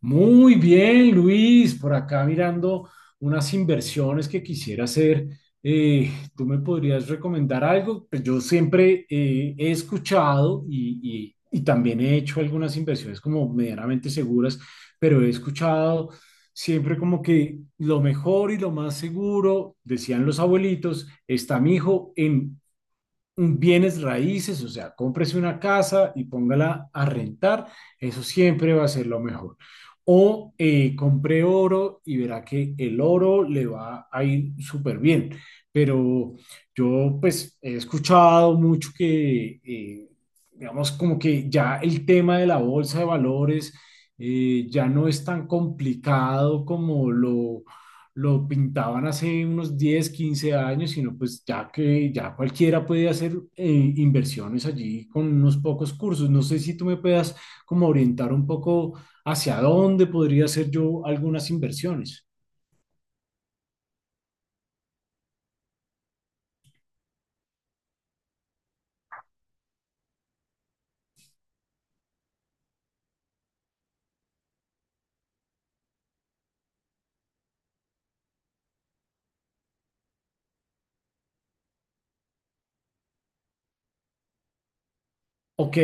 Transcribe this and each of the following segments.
Muy bien, Luis, por acá mirando unas inversiones que quisiera hacer. Eh, ¿Tú me podrías recomendar algo? Pues yo siempre he escuchado y también he hecho algunas inversiones como medianamente seguras, pero he escuchado siempre como que lo mejor y lo más seguro, decían los abuelitos, está mi hijo en bienes raíces, o sea, cómprese una casa y póngala a rentar, eso siempre va a ser lo mejor. O compre oro y verá que el oro le va a ir súper bien. Pero yo pues he escuchado mucho que, digamos, como que ya el tema de la bolsa de valores ya no es tan complicado como lo pintaban hace unos 10 15 años, sino pues ya que ya cualquiera puede hacer inversiones allí con unos pocos cursos. No sé si tú me puedas como orientar un poco hacia dónde podría hacer yo algunas inversiones. Ok.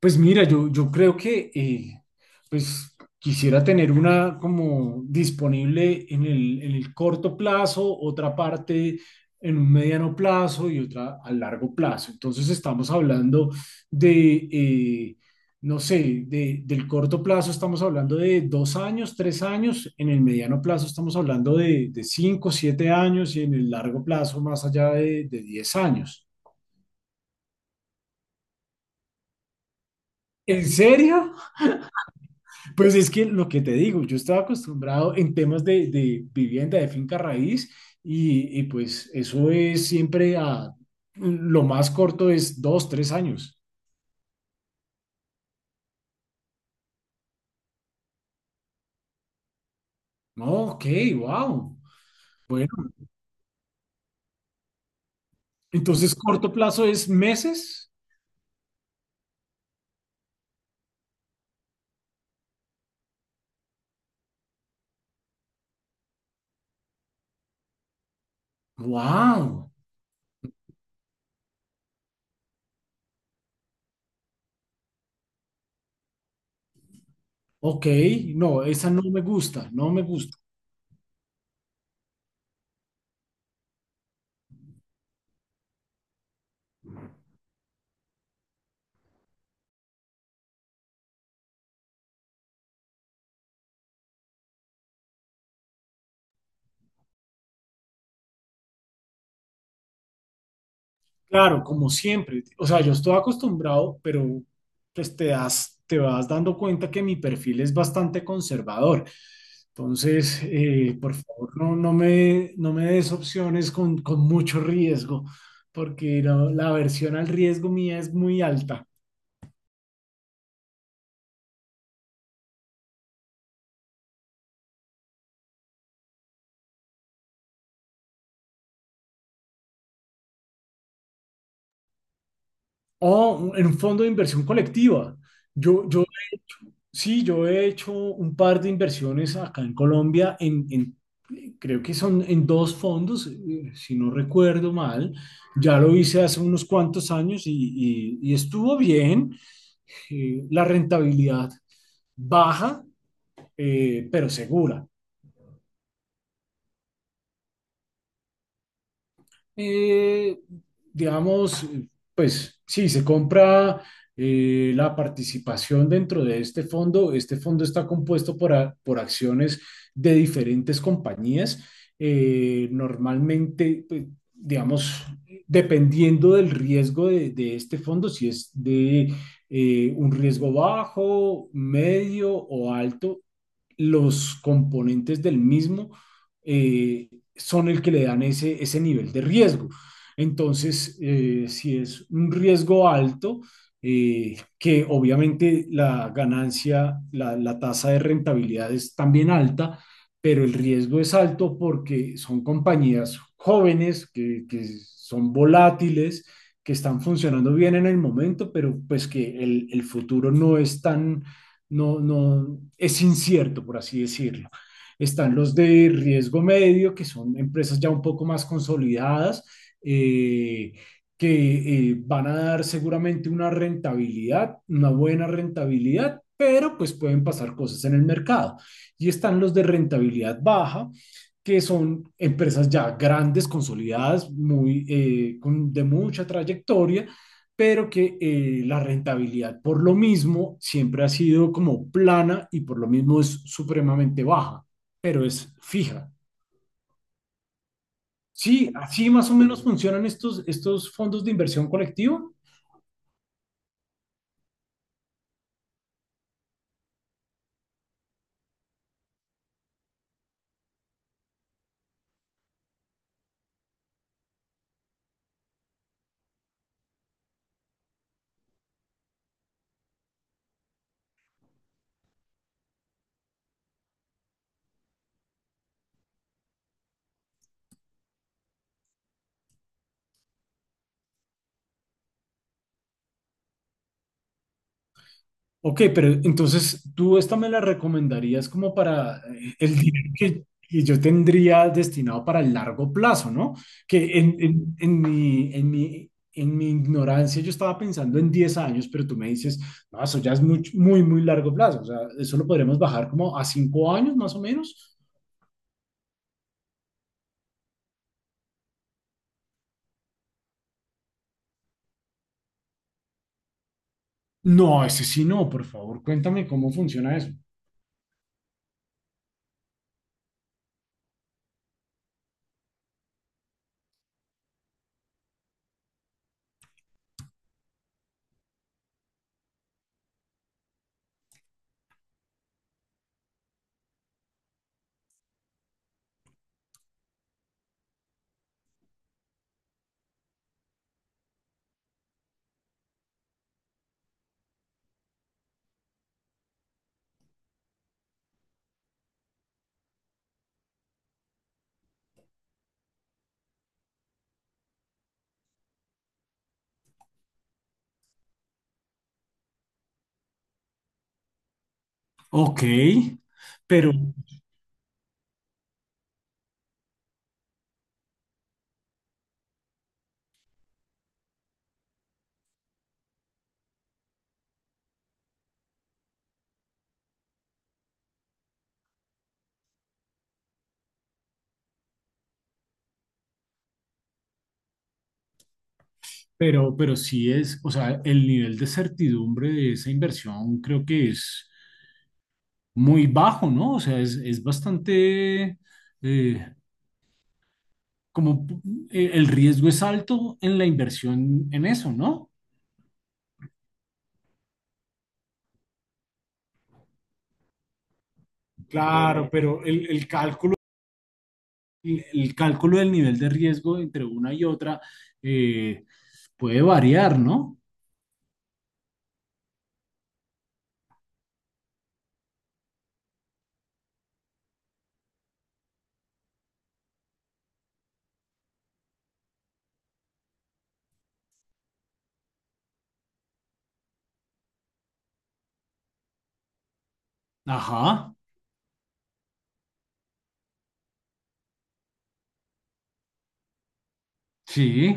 Pues mira, yo creo que pues quisiera tener una como disponible en el corto plazo, otra parte en un mediano plazo y otra a largo plazo. Entonces estamos hablando de, no sé, del corto plazo estamos hablando de 2 años, 3 años, en el mediano plazo estamos hablando de 5, 7 años y en el largo plazo más allá de 10 años. ¿En serio? Pues es que lo que te digo, yo estaba acostumbrado en temas de vivienda, de finca raíz, y pues eso es siempre a, lo más corto es 2, 3 años. No, ok, wow. Bueno, entonces corto plazo es meses. Wow. Ok, no, esa no me gusta, no me gusta. Claro, como siempre. O sea, yo estoy acostumbrado, pero pues te das, te vas dando cuenta que mi perfil es bastante conservador. Entonces, por favor, no, no me des opciones con mucho riesgo, porque no- la aversión al riesgo mía es muy alta. O en un fondo de inversión colectiva. Yo. Sí, yo he hecho un par de inversiones acá en Colombia, en, creo que son en dos fondos, si no recuerdo mal. Ya lo hice hace unos cuantos años y estuvo bien. La rentabilidad baja, pero segura. eh, digamos, pues sí, se compra la participación dentro de este fondo. Este fondo está compuesto por, a- por acciones de diferentes compañías. Normalmente, pues, digamos, dependiendo del riesgo de este fondo, si es de un riesgo bajo, medio o alto, los componentes del mismo eh, son el que le dan ese, ese nivel de riesgo. Entonces, si es un riesgo alto, que obviamente la ganancia, la tasa de rentabilidad es también alta, pero el riesgo es alto porque son compañías jóvenes que son volátiles, que están funcionando bien en el momento, pero pues que el futuro no es tan no, no, es incierto, por así decirlo. Están los de riesgo medio, que son empresas ya un poco más consolidadas, eh, que van a dar seguramente una rentabilidad, una buena rentabilidad, pero pues pueden pasar cosas en el mercado. Y están los de rentabilidad baja, que son empresas ya grandes, consolidadas, muy, con, de mucha trayectoria, pero que la rentabilidad por lo mismo siempre ha sido como plana y por lo mismo es supremamente baja, pero es fija. Sí, así más o menos funcionan estos, estos fondos de inversión colectiva. Ok, pero entonces tú esta me la recomendarías como para el dinero que yo tendría destinado para el largo plazo, ¿no? Que en, en mi ignorancia yo estaba pensando en 10 años, pero tú me dices, no, eso ya es muy, muy, muy largo plazo, o sea, eso lo podremos bajar como a 5 años más o menos. No, ese sí no, por favor, cuéntame cómo funciona eso. Ok, pero, pero sí es, o sea, el nivel de certidumbre de esa inversión creo que es muy bajo, ¿no? O sea, es bastante, eh, como el riesgo es alto en la inversión en eso, ¿no? Claro, pero el cálculo, el cálculo del nivel de riesgo entre una y otra eh, puede variar, ¿no? Ajá, sí,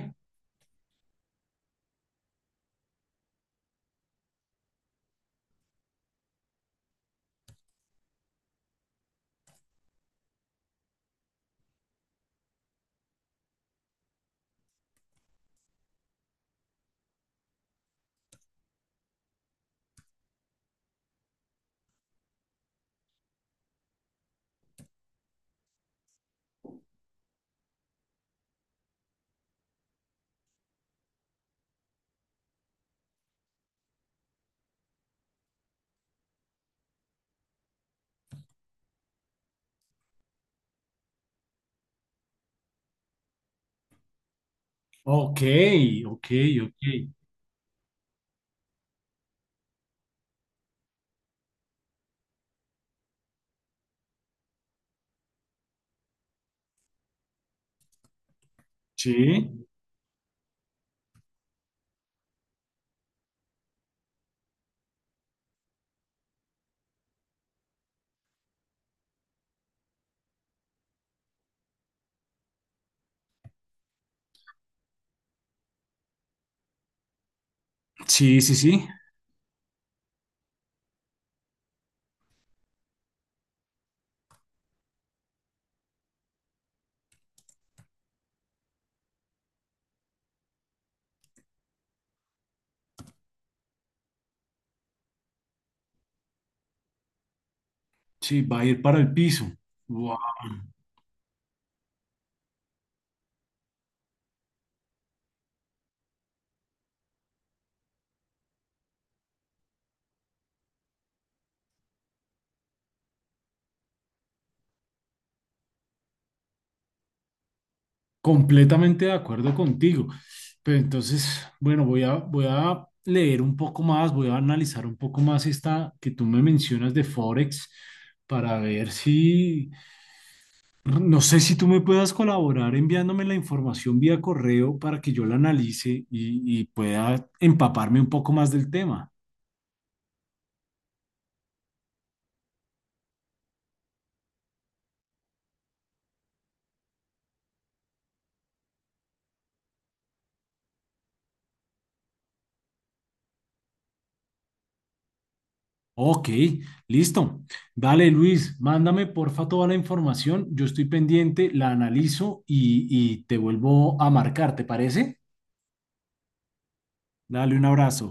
ok, ok, ok. Sí, sí, sí, sí. Sí, va a ir para el piso. Wow, completamente de acuerdo contigo. Pero entonces, bueno, voy a leer un poco más, voy a analizar un poco más esta que tú me mencionas de Forex para ver si, no sé si tú me puedas colaborar enviándome la información vía correo para que yo la analice y pueda empaparme un poco más del tema. Ok, listo. Dale, Luis, mándame porfa toda la información. Yo estoy pendiente, la analizo y te vuelvo a marcar, ¿te parece? Dale un abrazo.